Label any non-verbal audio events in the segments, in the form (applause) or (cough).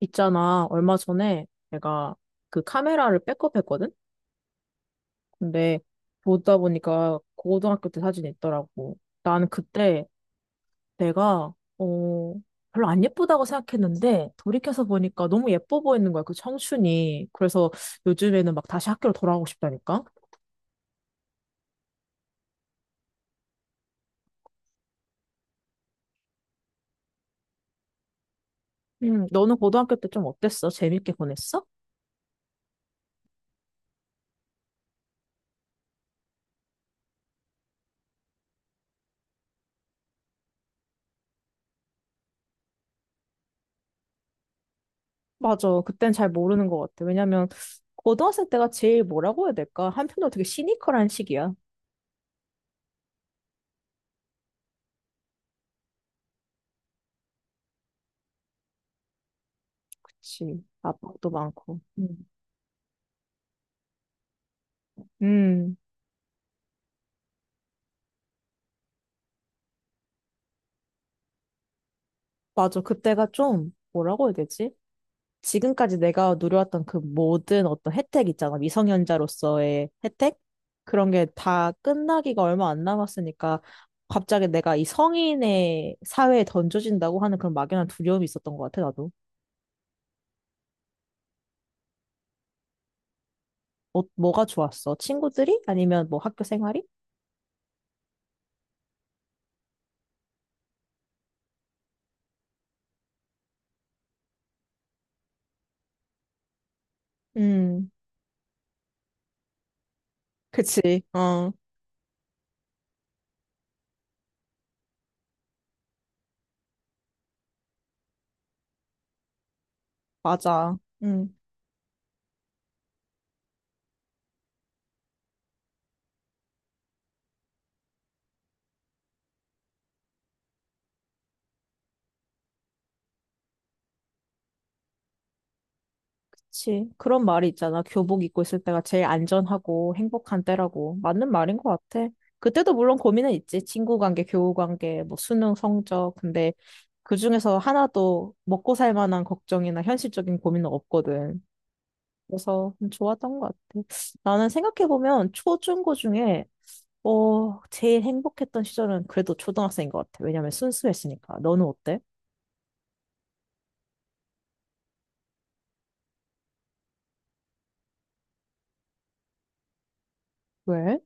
있잖아, 얼마 전에 내가 그 카메라를 백업했거든? 근데 보다 보니까 고등학교 때 사진이 있더라고. 나는 그때 내가, 별로 안 예쁘다고 생각했는데 돌이켜서 보니까 너무 예뻐 보이는 거야, 그 청춘이. 그래서 요즘에는 막 다시 학교로 돌아가고 싶다니까? 너는 고등학교 때 좀 어땠어? 재밌게 보냈어? 맞아. 그땐 잘 모르는 것 같아. 왜냐면, 고등학생 때가 제일 뭐라고 해야 될까? 한편으로 되게 시니컬한 시기야. 그치. 압박도 많고. 음. 음, 맞아. 그때가 좀, 뭐라고 해야 되지? 지금까지 내가 누려왔던 그 모든 어떤 혜택 있잖아. 미성년자로서의 혜택? 그런 게 다 끝나기가 얼마 안 남았으니까 갑자기 내가 이 성인의 사회에 던져진다고 하는 그런 막연한 두려움이 있었던 것 같아, 나도. 뭐가 좋았어? 친구들이? 아니면 뭐 학교 생활이? 음, 그치. 어, 맞아. 음. 그치. 그런 말이 있잖아. 교복 입고 있을 때가 제일 안전하고 행복한 때라고. 맞는 말인 것 같아. 그때도 물론 고민은 있지. 친구 관계, 교우 관계, 뭐 수능 성적. 근데 그중에서 하나도 먹고 살 만한 걱정이나 현실적인 고민은 없거든. 그래서 좀 좋았던 것 같아. 나는 생각해보면 초, 중, 고 중에 어, 제일 행복했던 시절은 그래도 초등학생인 것 같아. 왜냐면 순수했으니까. 너는 어때? 왜?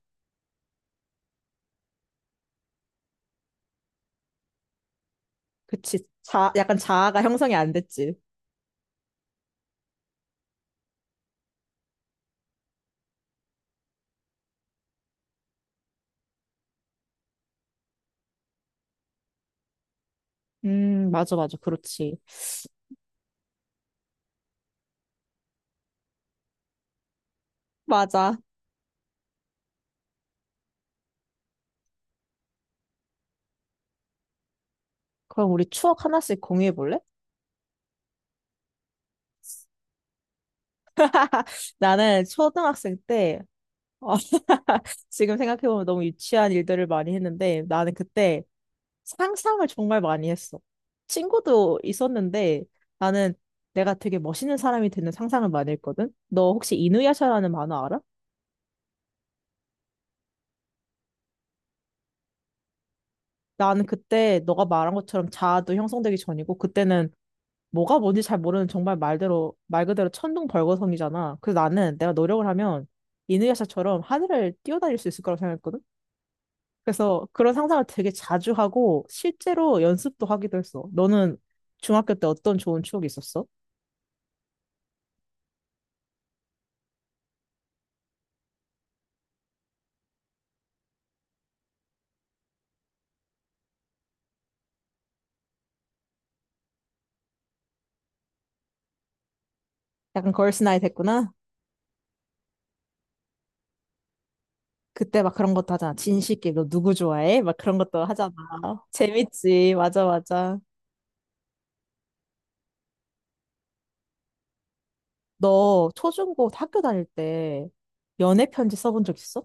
그치. 자, 약간 자아가 형성이 안 됐지. 맞아, 맞아. 그렇지. 맞아. 그럼 우리 추억 하나씩 공유해 볼래? 나는 초등학생 때, 어, (laughs) 지금 생각해보면 너무 유치한 일들을 많이 했는데, 나는 그때 상상을 정말 많이 했어. 친구도 있었는데, 나는 내가 되게 멋있는 사람이 되는 상상을 많이 했거든? 너 혹시 이누야샤라는 만화 알아? 나는 그때 너가 말한 것처럼 자아도 형성되기 전이고, 그때는 뭐가 뭔지 잘 모르는 정말 말대로, 말 그대로 천둥벌거성이잖아. 그래서 나는 내가 노력을 하면 이누야샤처럼 하늘을 뛰어다닐 수 있을 거라고 생각했거든? 그래서 그런 상상을 되게 자주 하고 실제로 연습도 하기도 했어. 너는 중학교 때 어떤 좋은 추억이 있었어? 약간 걸스나이 됐구나. 그때 막 그런 것도 하잖아. 진실게 너 누구 좋아해? 막 그런 것도 하잖아. 재밌지. 맞아, 맞아. 너 초중고 학교 다닐 때 연애 편지 써본 적 있어?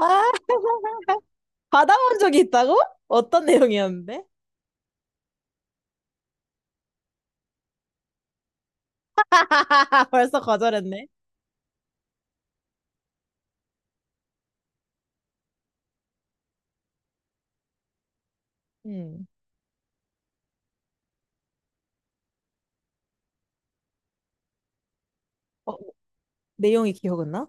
아, (laughs) 받아본 적이 있다고? 어떤 내용이었는데? (laughs) 아, 벌써 거절했네. 음. 어, 내용이 기억은 나?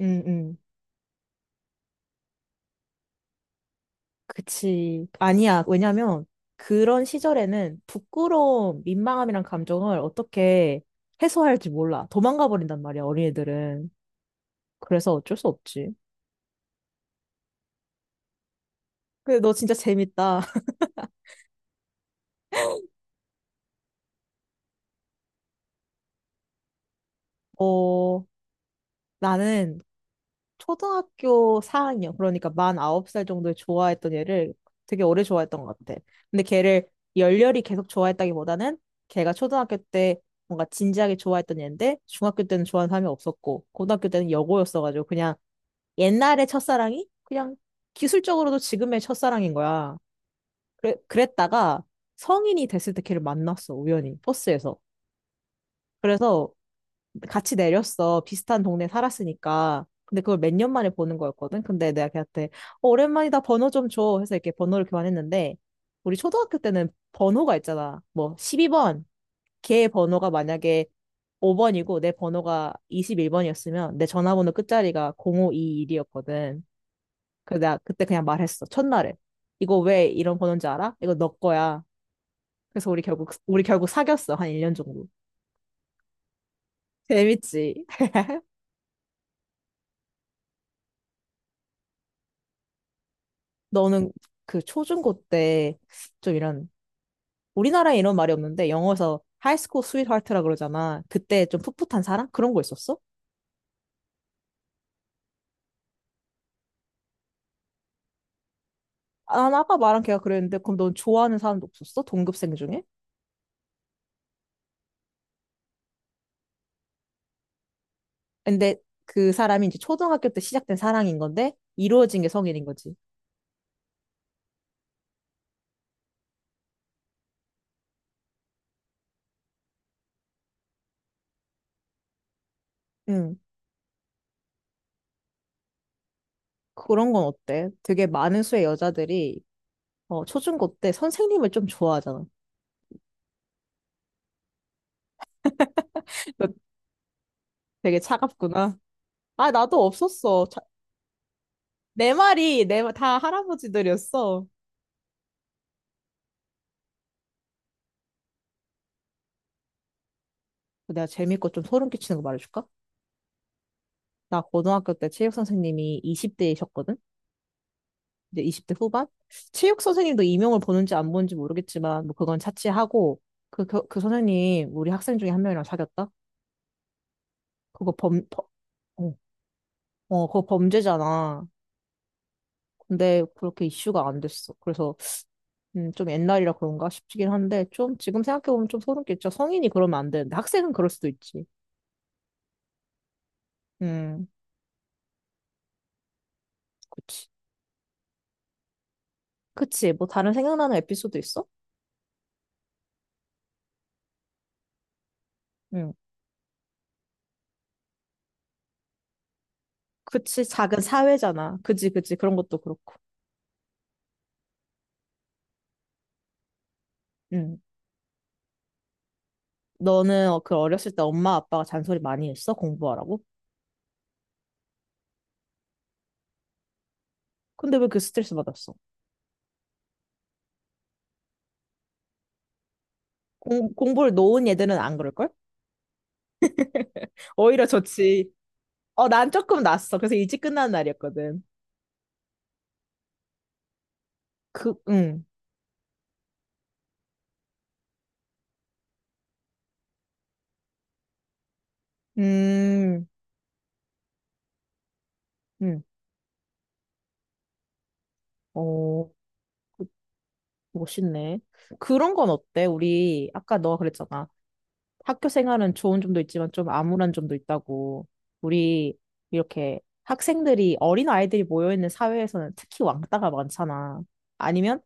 음, 음. 그치. 아니야. 왜냐면 그런 시절에는 부끄러움, 민망함이란 감정을 어떻게 해소할지 몰라. 도망가 버린단 말이야, 어린애들은. 그래서 어쩔 수 없지. 근데 너 진짜 재밌다. (laughs) 어, 나는 초등학교 4학년, 그러니까 만 9살 정도에 좋아했던 애를 되게 오래 좋아했던 것 같아. 근데 걔를 열렬히 계속 좋아했다기보다는 걔가 초등학교 때 뭔가 진지하게 좋아했던 애인데 중학교 때는 좋아하는 사람이 없었고 고등학교 때는 여고였어가지고 그냥 옛날의 첫사랑이 그냥 기술적으로도 지금의 첫사랑인 거야. 그래, 그랬다가 성인이 됐을 때 걔를 만났어, 우연히. 버스에서. 그래서 같이 내렸어. 비슷한 동네 살았으니까. 근데 그걸 몇 년 만에 보는 거였거든. 근데 내가 걔한테 어, 오랜만이다 번호 좀 줘. 해서 이렇게 번호를 교환했는데 우리 초등학교 때는 번호가 있잖아. 뭐 12번. 걔 번호가 만약에 5번이고 내 번호가 21번이었으면 내 전화번호 끝자리가 0521이었거든. 그래서 내가 그때 그냥 말했어. 첫날에. 이거 왜 이런 번호인지 알아? 이거 너 거야. 그래서 우리 결국 사귀었어. 한 1년 정도. 재밌지. 너는 그 초중고 때 좀 이런 우리나라에 이런 말이 없는데 영어에서 하이스쿨 스윗하트라 그러잖아. 그때 좀 풋풋한 사랑 그런 거 있었어? 아, 나 아까 말한 걔가 그랬는데 그럼 넌 좋아하는 사람도 없었어? 동급생 중에? 근데 그 사람이 이제 초등학교 때 시작된 사랑인 건데 이루어진 게 성인인 거지. 응. 그런 건 어때? 되게 많은 수의 여자들이 어, 초중고 때 선생님을 좀 좋아하잖아. 너 되게 차갑구나. 아, 나도 없었어. 내 말이 내 말- 다 할아버지들이었어. 그 내가 재밌고 좀 소름 끼치는 거 말해줄까? 나 고등학교 때 체육 선생님이 20대이셨거든? 이제 20대 후반? 체육 선생님도 이명을 보는지 안 보는지 모르겠지만, 뭐 그건 차치하고, 그 선생님, 우리 학생 중에 한 명이랑 사귀었다? 그거 범, 범- 어, 그거 범죄잖아. 근데 그렇게 이슈가 안 됐어. 그래서, 좀 옛날이라 그런가 싶긴 한데, 좀 지금 생각해보면 좀 소름 끼쳐. 성인이 그러면 안 되는데, 학생은 그럴 수도 있지. 음, 그치. 그치. 뭐 다른 생각나는 에피소드 있어? 응. 그치, 작은 사회잖아. 그지, 그지. 그런 것도 그렇고. 응. 너는 어, 그 어렸을 때 엄마 아빠가 잔소리 많이 했어? 공부하라고? 근데 왜 그 스트레스 받았어? 공부를 놓은 애들은 안 그럴걸? 오히려 좋지. 어, 난 조금 낫어. 그래서 일찍 끝나는 날이었거든. 그, 응. 음, 응. 어, 멋있네. 그런 건 어때? 우리, 아까 너가 그랬잖아. 학교 생활은 좋은 점도 있지만 좀 암울한 점도 있다고. 우리 이렇게 학생들이 어린 아이들이 모여있는 사회에서는 특히 왕따가 많잖아. 아니면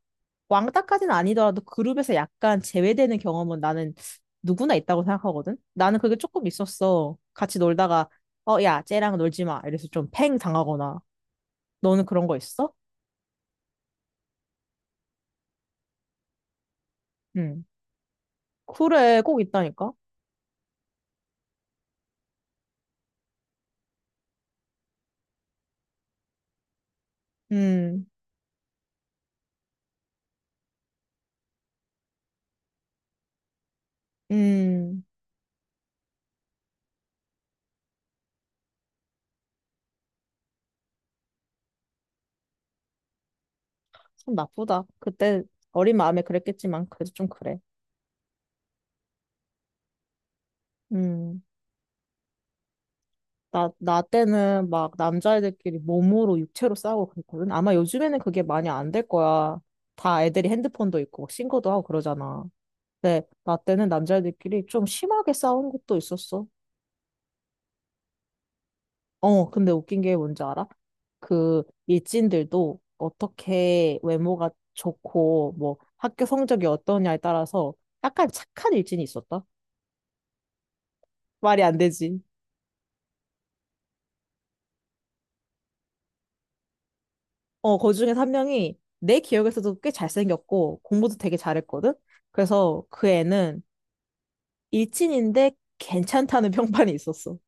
왕따까지는 아니더라도 그룹에서 약간 제외되는 경험은 나는 누구나 있다고 생각하거든. 나는 그게 조금 있었어. 같이 놀다가 어, 야, 쟤랑 놀지 마. 이래서 좀 팽 당하거나. 너는 그런 거 있어? 응. 그래, 꼭 있다니까. 음, 음, 참 나쁘다. 그때 어린 마음에 그랬겠지만 그래도 좀 그래. 음, 나 때는 막 남자애들끼리 몸으로 육체로 싸우고 그랬거든. 아마 요즘에는 그게 많이 안 될 거야. 다 애들이 핸드폰도 있고 막 신고도 하고 그러잖아. 근데 나 때는 남자애들끼리 좀 심하게 싸운 것도 있었어. 어, 근데 웃긴 게 뭔지 알아? 그 일진들도 어떻게 외모가 좋고 뭐 학교 성적이 어떠냐에 따라서 약간 착한 일진이 있었다. 말이 안 되지. 어, 그 중에 한 명이 내 기억에서도 꽤 잘생겼고, 공부도 되게 잘했거든? 그래서 그 애는 일진인데 괜찮다는 (laughs) 평판이 있었어.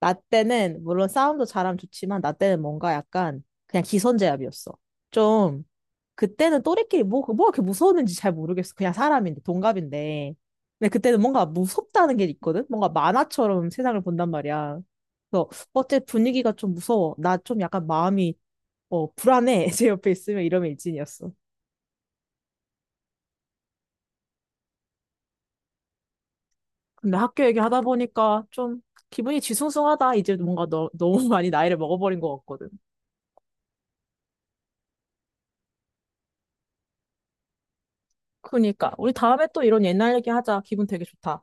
나 때는, 물론 싸움도 잘하면 좋지만, 나 때는 뭔가 약간 그냥 기선제압이었어. 좀, 그때는 또래끼리 뭐 그렇게 무서웠는지 잘 모르겠어. 그냥 사람인데, 동갑인데. 근데 그때는 뭔가 무섭다는 게 있거든? 뭔가 만화처럼 세상을 본단 말이야. 그래서 어째 분위기가 좀 무서워. 나 좀 약간 마음이 어, 불안해. (laughs) 제 옆에 있으면 이러면 일진이었어. 근데 학교 얘기하다 보니까 좀 기분이 뒤숭숭하다. 이제 뭔가 너무 (laughs) 많이 나이를 먹어버린 것 같거든. 그니까. 우리 다음에 또 이런 옛날 얘기하자. 기분 되게 좋다.